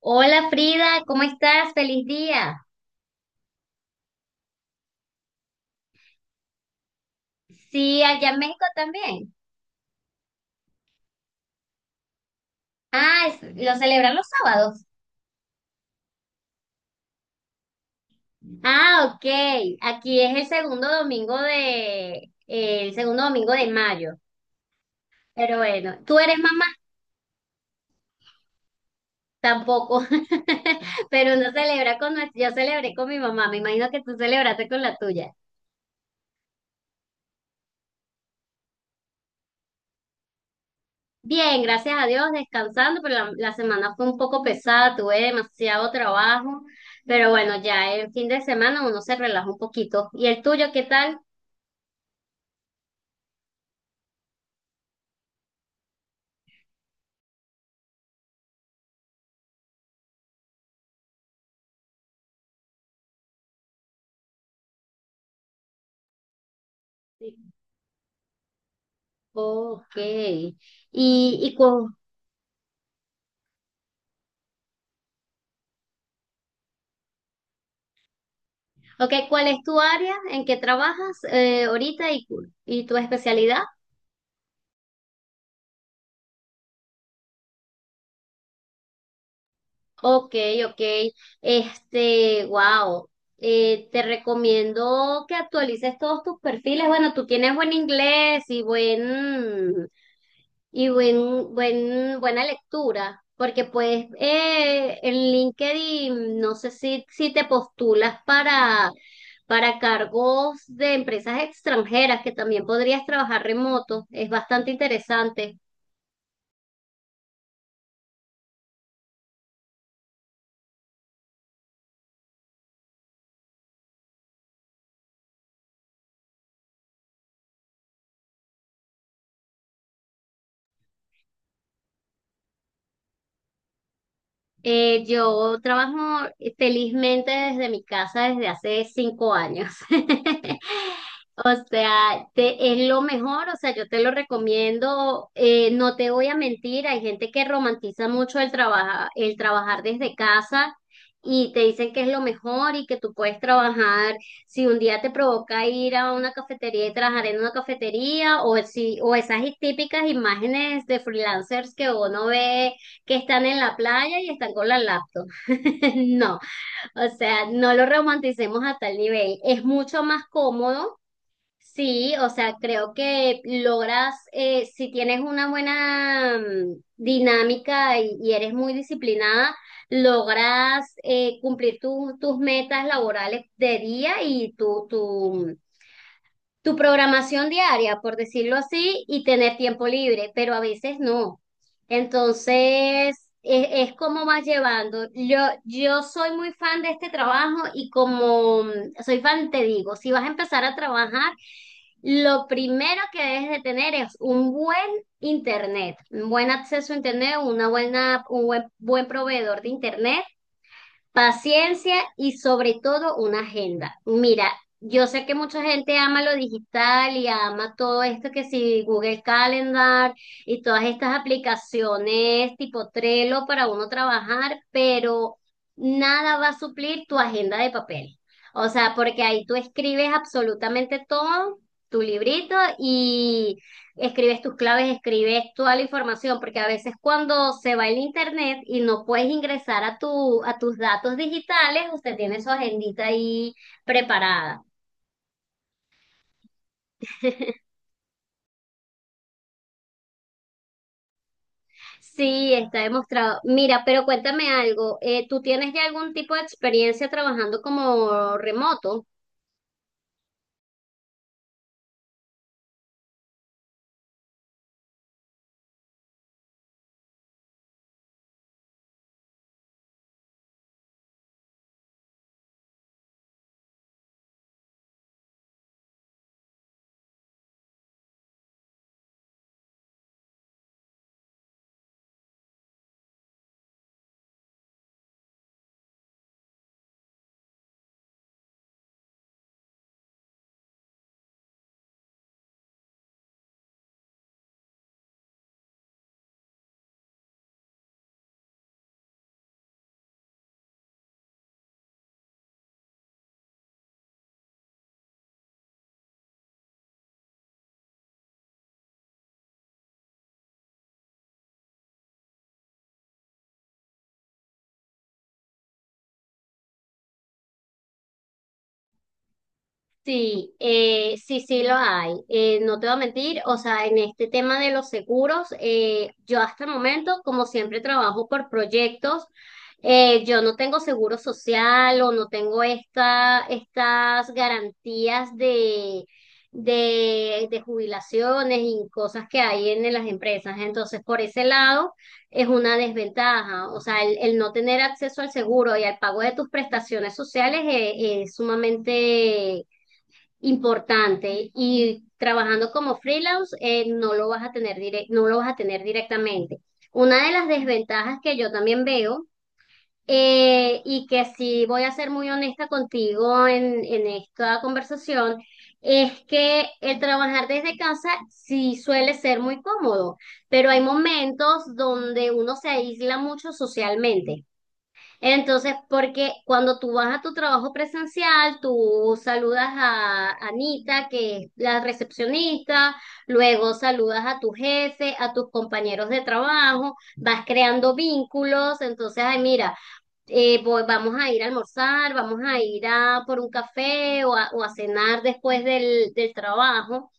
Hola Frida, ¿cómo estás? Feliz día. Sí, allá en México también. Ah, lo celebran los sábados. Ah, ok. Aquí es el segundo domingo de, el segundo domingo de mayo. Pero bueno, ¿tú eres mamá? Tampoco. Pero uno celebra con nuestro, yo celebré con mi mamá. Me imagino que tú celebraste con la tuya. Bien, gracias a Dios, descansando, pero la semana fue un poco pesada, tuve demasiado trabajo, pero bueno, ya el fin de semana uno se relaja un poquito. ¿Y el tuyo qué tal? Sí. Ok. Y cu- okay, cuál es tu área? ¿En qué trabajas ahorita y y tu especialidad? Ok, ok. Este, wow. Te recomiendo que actualices todos tus perfiles. Bueno, tú tienes buen inglés y buen. Y buena lectura, porque pues en LinkedIn no sé si te postulas para cargos de empresas extranjeras, que también podrías trabajar remoto, es bastante interesante. Yo trabajo felizmente desde mi casa desde hace 5 años. O sea, es lo mejor, o sea, yo te lo recomiendo, no te voy a mentir, hay gente que romantiza mucho el trabajar desde casa y te dicen que es lo mejor y que tú puedes trabajar, si un día te provoca ir a una cafetería y trabajar en una cafetería, o si, o esas típicas imágenes de freelancers que uno ve que están en la playa y están con la laptop. No, o sea, no lo romanticemos a tal nivel. Es mucho más cómodo, sí, o sea, creo que logras, si tienes una buena dinámica y eres muy disciplinada, logras cumplir tus metas laborales de día y tu tu programación diaria, por decirlo así, y tener tiempo libre, pero a veces no. Entonces, es como vas llevando. Yo soy muy fan de este trabajo y como soy fan, te digo, si vas a empezar a trabajar, lo primero que debes de tener es un buen internet, un buen acceso a internet, un buen, buen proveedor de internet. Paciencia y sobre todo una agenda. Mira, yo sé que mucha gente ama lo digital y ama todo esto que si Google Calendar y todas estas aplicaciones tipo Trello para uno trabajar, pero nada va a suplir tu agenda de papel. O sea, porque ahí tú escribes absolutamente todo, tu librito y escribes tus claves, escribes toda la información, porque a veces cuando se va el internet y no puedes ingresar a tus datos digitales, usted tiene su agendita ahí preparada. Sí, está demostrado. Mira, pero cuéntame algo, ¿tú tienes ya algún tipo de experiencia trabajando como remoto? Sí, sí, sí lo hay. No te voy a mentir, o sea, en este tema de los seguros, yo hasta el momento, como siempre trabajo por proyectos, yo no tengo seguro social o no tengo estas garantías de jubilaciones y cosas que hay en las empresas. Entonces, por ese lado, es una desventaja. O sea, el no tener acceso al seguro y al pago de tus prestaciones sociales es sumamente importante y trabajando como freelance no lo vas a tener no lo vas a tener directamente. Una de las desventajas que yo también veo, y que sí voy a ser muy honesta contigo en esta conversación es que el trabajar desde casa sí suele ser muy cómodo, pero hay momentos donde uno se aísla mucho socialmente. Entonces, porque cuando tú vas a tu trabajo presencial, tú saludas a Anita, que es la recepcionista, luego saludas a tu jefe, a tus compañeros de trabajo, vas creando vínculos, entonces, ay, mira, vamos a ir a almorzar, vamos a ir a por un café o a cenar después del trabajo.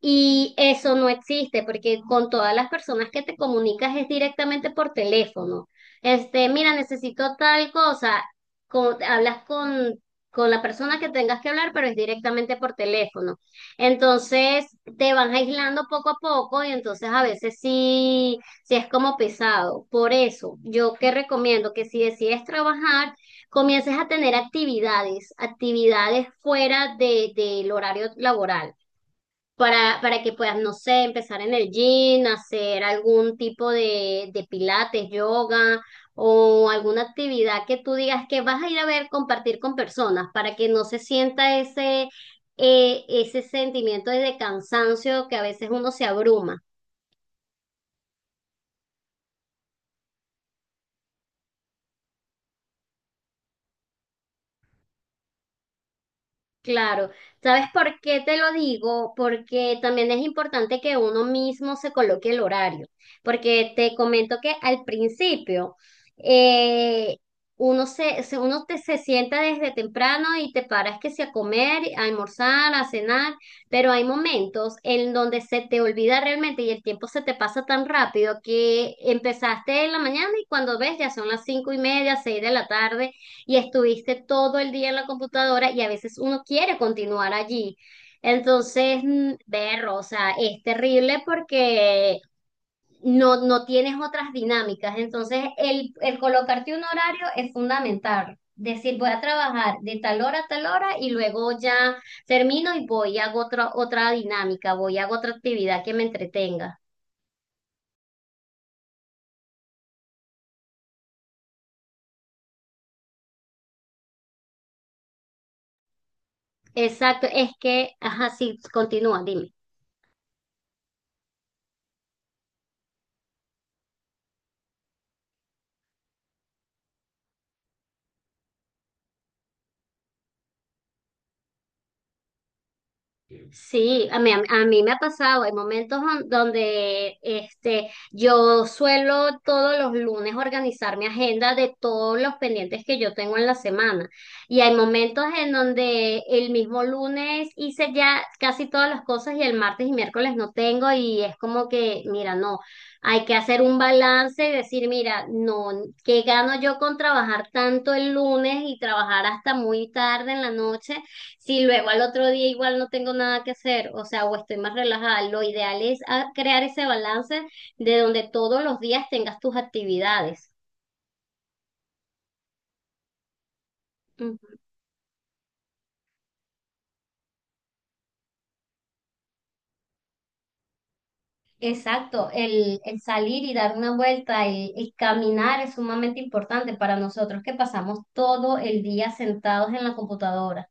Y eso no existe porque con todas las personas que te comunicas es directamente por teléfono. Este, mira, necesito tal cosa. Hablas con la persona que tengas que hablar, pero es directamente por teléfono. Entonces te van aislando poco a poco y entonces a veces sí es como pesado. Por eso, yo que recomiendo que si decides trabajar, comiences a tener actividades, actividades fuera del horario laboral para que puedas, no sé, empezar en el gym, hacer algún tipo de pilates, yoga o alguna actividad que tú digas que vas a ir a ver, compartir con personas para que no se sienta ese sentimiento de cansancio que a veces uno se abruma. Claro, ¿sabes por qué te lo digo? Porque también es importante que uno mismo se coloque el horario, porque te comento que al principio, eh, uno se sienta desde temprano y te paras que sea a comer, a almorzar, a cenar, pero hay momentos en donde se te olvida realmente y el tiempo se te pasa tan rápido que empezaste en la mañana y cuando ves ya son las 5:30, seis de la tarde y estuviste todo el día en la computadora y a veces uno quiere continuar allí. Entonces, berro, o sea, es terrible porque no tienes otras dinámicas. Entonces, el colocarte un horario es fundamental. Decir, voy a trabajar de tal hora a tal hora y luego ya termino y voy y hago otra dinámica, voy y hago otra actividad que me entretenga. Exacto, es que, ajá, sí, continúa, dime. Sí, a mí me ha pasado, hay momentos donde este, yo suelo todos los lunes organizar mi agenda de todos los pendientes que yo tengo en la semana. Y hay momentos en donde el mismo lunes hice ya casi todas las cosas y el martes y miércoles no tengo y es como que, mira, no, hay que hacer un balance y decir, mira, no, ¿qué gano yo con trabajar tanto el lunes y trabajar hasta muy tarde en la noche? Si luego al otro día igual no tengo nada que hacer, o sea, o estoy más relajada, lo ideal es ah, crear ese balance de donde todos los días tengas tus actividades. Mm. Exacto, el salir y dar una vuelta, el caminar es sumamente importante para nosotros que pasamos todo el día sentados en la computadora.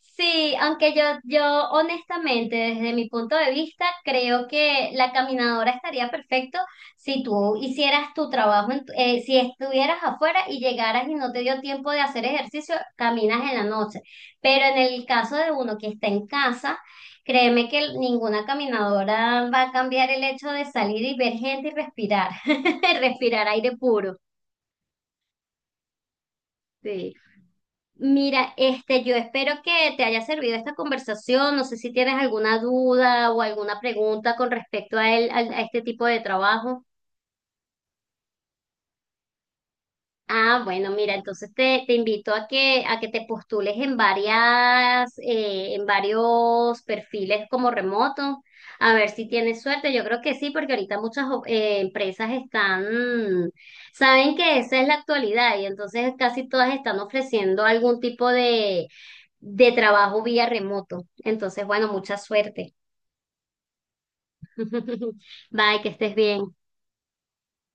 Sí, aunque yo honestamente, desde mi punto de vista, creo que la caminadora estaría perfecto si tú hicieras tu trabajo, si estuvieras afuera y llegaras y no te dio tiempo de hacer ejercicio, caminas en la noche. Pero en el caso de uno que está en casa, créeme que ninguna caminadora va a cambiar el hecho de salir y ver gente y respirar, respirar aire puro. Sí. Mira, este, yo espero que te haya servido esta conversación. No sé si tienes alguna duda o alguna pregunta con respecto a él, a este tipo de trabajo. Ah, bueno, mira, entonces te invito a a que te postules en varias, en varios perfiles como remoto, a ver si tienes suerte. Yo creo que sí, porque ahorita empresas están, saben que esa es la actualidad y entonces casi todas están ofreciendo algún tipo de trabajo vía remoto. Entonces, bueno, mucha suerte. Bye, que estés bien.